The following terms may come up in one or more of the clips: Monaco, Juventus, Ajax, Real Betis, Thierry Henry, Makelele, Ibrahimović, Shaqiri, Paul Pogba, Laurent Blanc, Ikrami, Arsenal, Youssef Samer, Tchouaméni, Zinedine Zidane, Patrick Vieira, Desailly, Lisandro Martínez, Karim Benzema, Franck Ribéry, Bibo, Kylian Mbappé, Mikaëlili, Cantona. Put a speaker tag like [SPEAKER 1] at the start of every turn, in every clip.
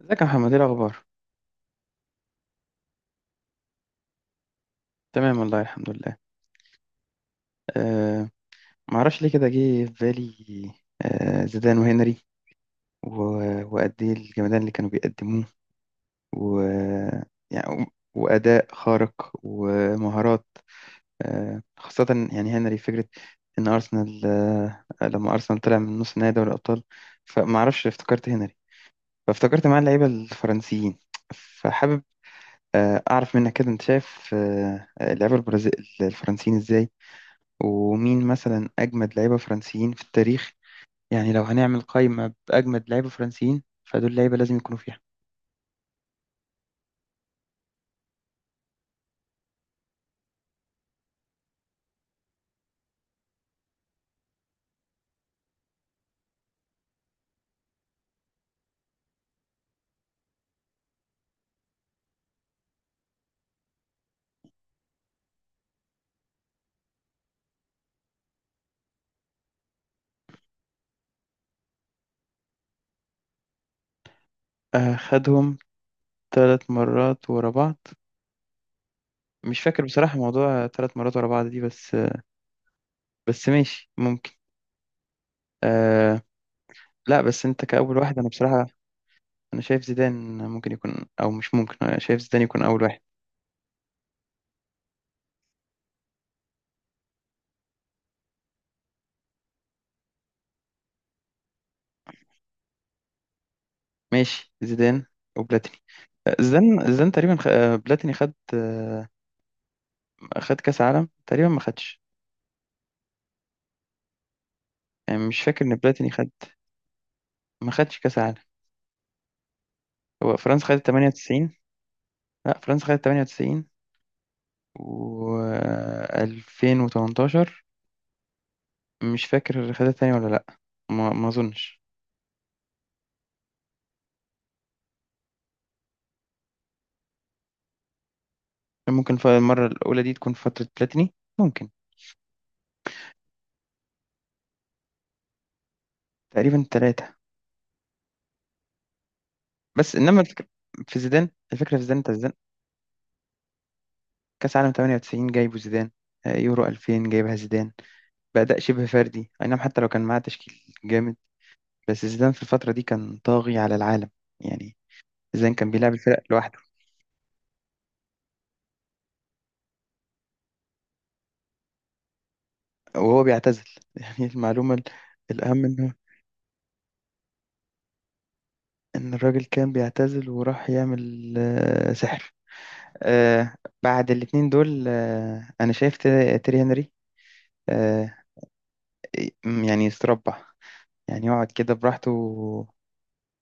[SPEAKER 1] ازيك يا محمد؟ ايه الاخبار؟ تمام، والله الحمد لله. أه ما اعرفش ليه كده جه في بالي. زيدان وهنري. وقد ايه الجمدان اللي كانوا بيقدموه و يعني، واداء خارق ومهارات، خاصه. يعني هنري فكره ان ارسنال، لما ارسنال طلع من نص نهائي دوري الابطال، فما اعرفش افتكرت هنري، فافتكرت معاه اللعيبه الفرنسيين، فحابب اعرف منك كده، انت شايف اللعيبه الفرنسيين ازاي، ومين مثلا أجمد لعيبة فرنسيين في التاريخ. يعني لو هنعمل قائمة بأجمد لعيبة فرنسيين، فدول لعيبة لازم يكونوا فيها. خدهم ثلاث مرات ورا بعض. مش فاكر بصراحة موضوع ثلاث مرات ورا بعض دي، بس بس ماشي ممكن. آه لا، بس أنت كأول واحد أنا بصراحة، أنا شايف زيدان ممكن يكون، أو مش ممكن، أنا شايف زيدان يكون أول واحد. ماشي، زيدان وبلاتيني. زيدان تقريبا خ... آه، بلاتيني خد، خد كأس عالم تقريبا، ما خدش. يعني مش فاكر إن بلاتيني خد، ما خدش كأس عالم. هو فرنسا خدت 98. لا، فرنسا خدت 98 و 2018 مش فاكر خدت تاني ولا لا. ما اظنش. ممكن المرة الأولى دي تكون في فترة بلاتيني. ممكن. تقريبا ثلاثة. بس إنما الفكرة في زيدان، الفكرة في زيدان، أنت زيدان كأس عالم 98 جايبه زيدان، يورو 2000 جايبها زيدان بأداء شبه فردي. أي نعم، حتى لو كان معاه تشكيل جامد، بس زيدان في الفترة دي كان طاغي على العالم. يعني زيدان كان بيلعب الفرق لوحده وهو بيعتزل. يعني المعلومة الأهم إنه، إن الراجل كان بيعتزل، وراح يعمل سحر. آه، بعد الاتنين دول، أنا شايف تيري، هنري. آه، يعني يستربع، يعني يقعد كده براحته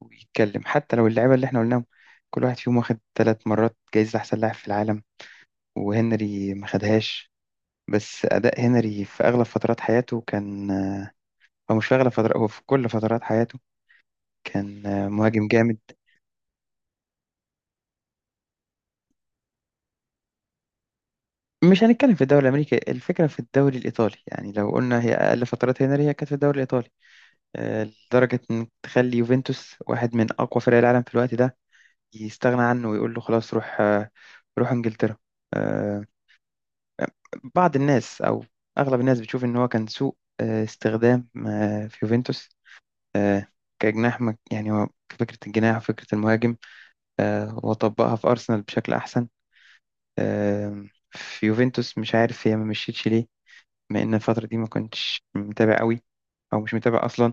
[SPEAKER 1] ويتكلم. حتى لو اللعيبة اللي إحنا قلناهم كل واحد فيهم واخد ثلاث مرات جايزة أحسن لاعب في العالم، وهنري ما خدهاش، بس أداء هنري في أغلب فترات حياته كان هو مش في أغلب فترات، هو في كل فترات حياته كان مهاجم جامد. مش هنتكلم في الدوري الامريكي، الفكره في الدوري الايطالي. يعني لو قلنا هي اقل فترات هنري هي كانت في الدوري الايطالي، آه، لدرجه ان تخلي يوفنتوس، واحد من اقوى فرق العالم في الوقت ده، يستغنى عنه ويقول له خلاص روح، روح انجلترا. آه، بعض الناس او اغلب الناس بتشوف ان هو كان سوء استخدام في يوفنتوس. آه، كجناح، يعني هو فكره الجناح وفكره المهاجم، وطبقها في ارسنال بشكل احسن. آه، في يوفنتوس مش عارف هي ما مشيتش ليه، لان الفتره دي ما كنتش متابع قوي، او مش متابع اصلا.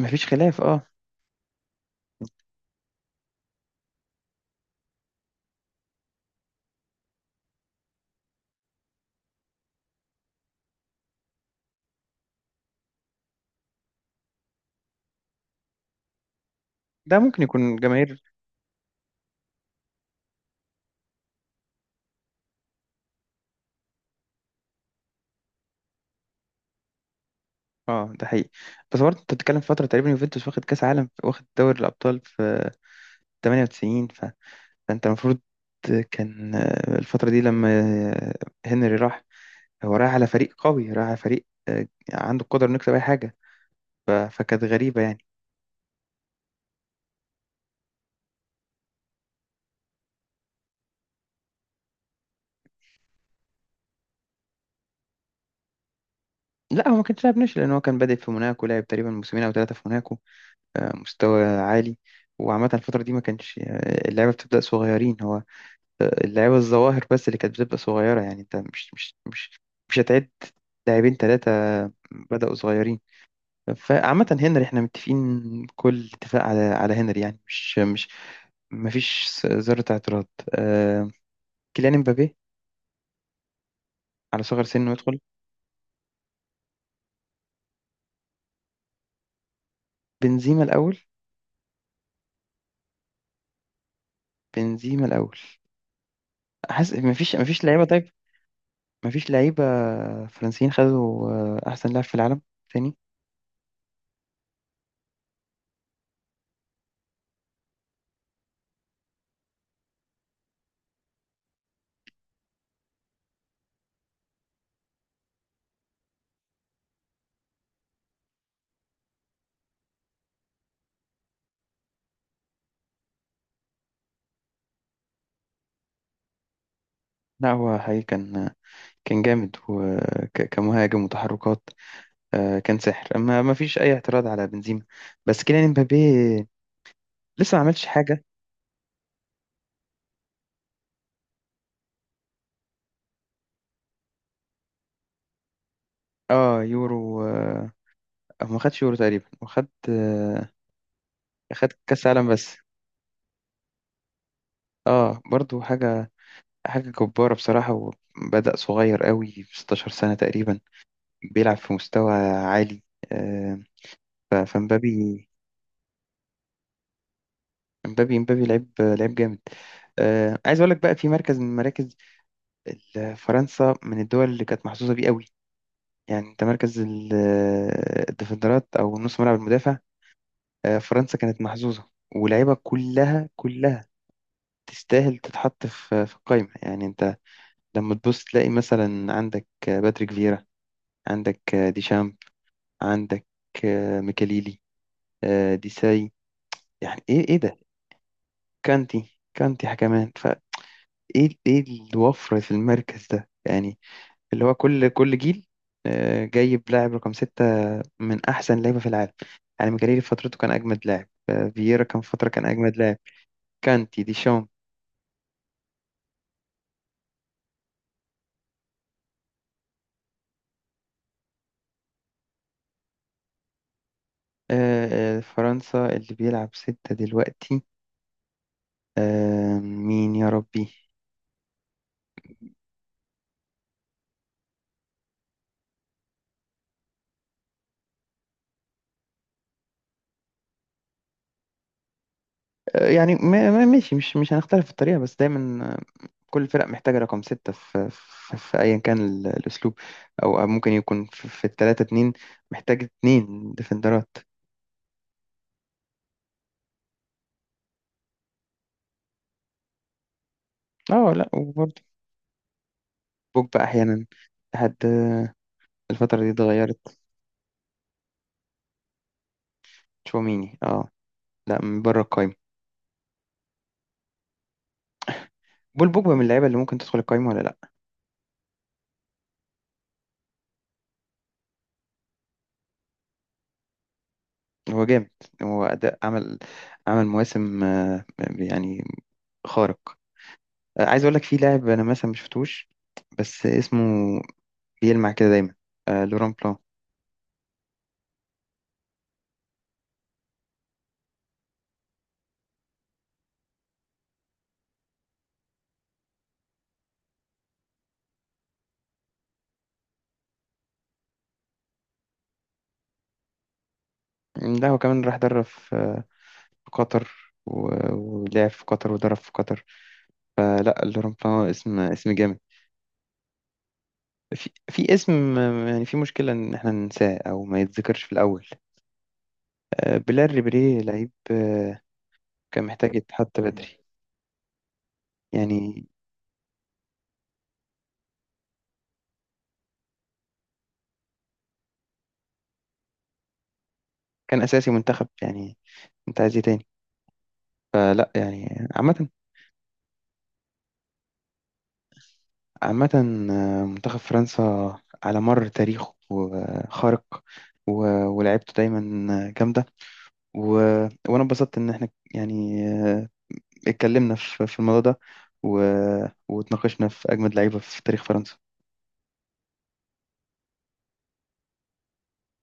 [SPEAKER 1] مفيش خلاف، اه. ده ممكن يكون جماهير. اه، ده حقيقي، بس برضه انت بتتكلم في فتره تقريبا يوفنتوس واخد كاس عالم، واخد دوري الابطال في 98. فانت المفروض كان، الفتره دي لما آه، هنري راح، هو رايح على فريق قوي، رايح على فريق عنده القدره انه يكسب اي حاجه. فكانت غريبه يعني. لا، هو ما كانش لاعب ناشئ، لان هو كان بادئ في موناكو، لعب تقريبا موسمين او ثلاثه في موناكو مستوى عالي. وعامة الفترة دي ما كانش اللعبة بتبدأ صغيرين، هو اللعبة الظواهر بس اللي كانت بتبقى صغيرة. يعني انت مش هتعد لاعبين ثلاثة بدأوا صغيرين. فعامة هنري احنا متفقين كل اتفاق على هنري. يعني مش مفيش ذرة اعتراض. آه، كيليان امبابي، على صغر سنه، يدخل. بنزيما الأول، بنزيما الأول. حاسس مفيش، لعيبة، طيب. مفيش لعيبة فرنسيين خدوا أحسن لاعب في العالم تاني. لا، هو حقيقي كان جامد، وكمهاجم، وتحركات، كان سحر. اما ما فيش اي اعتراض على بنزيما، بس كيليان امبابي لسه ما عملش حاجه. اه يورو، أو ما خدش يورو تقريبا، وخد خد كاس عالم بس. اه برضو حاجه، حاجه جباره بصراحه، وبدأ صغير قوي في 16 سنه تقريبا بيلعب في مستوى عالي. آه، فمبابي، امبابي لعيب، جامد. عايز اقول لك بقى في مركز من مراكز، فرنسا من الدول اللي كانت محظوظة بيه قوي. يعني انت مركز الديفندرات او نص ملعب المدافع، فرنسا كانت محظوظة. ولاعيبة كلها كلها تستاهل تتحط في القايمة. يعني انت لما تبص تلاقي مثلا عندك باتريك فيرا، عندك ديشامب، عندك ميكاليلي، ديساي. يعني ايه، ده؟ كانتي كمان فايه. ايه، الوفرة في المركز ده؟ يعني اللي هو كل جيل جايب لاعب رقم ستة من احسن لعيبه في العالم. يعني مجريري في فترته كان اجمد لاعب، فييرا كان في فتره كان اجمد لاعب، كانتي، ديشام. فرنسا اللي بيلعب ستة دلوقتي، مين يا ربي؟ يعني ماشي، مش هنختلف في الطريقة، بس دايما كل فرق محتاجة رقم ستة في، في أيا كان الأسلوب، أو ممكن يكون في, التلاتة اتنين محتاج اتنين ديفندرات. اه لا، وبرضه بوجبا أحيانا لحد الفترة دي اتغيرت. تشواميني، اه، لا، من بره القايمة. بول بوجبا من اللعيبه اللي ممكن تدخل القايمه ولا لا. هو جامد، هو اداء، عمل مواسم، يعني، خارق. عايز اقول لك في لاعب انا مثلا مش شفتوش، بس اسمه بيلمع كده دايما، لوران بلان. لا هو كمان راح درب في في قطر، ولعب في قطر ودرب في قطر. لا، لوران بلان اسم، جامد. في اسم، يعني في مشكلة إن إحنا ننساه أو ما يتذكرش في الأول، بلال ريبيري لعيب كان محتاج يتحط بدري. يعني كان اساسي منتخب، يعني انت عايز ايه تاني؟ فلا، يعني عامه، عامه منتخب فرنسا على مر تاريخه خارق، ولعبته دايما جامده، و... وانا اتبسطت ان احنا، يعني اتكلمنا في الموضوع ده، و... واتناقشنا في اجمد لعيبه في تاريخ فرنسا.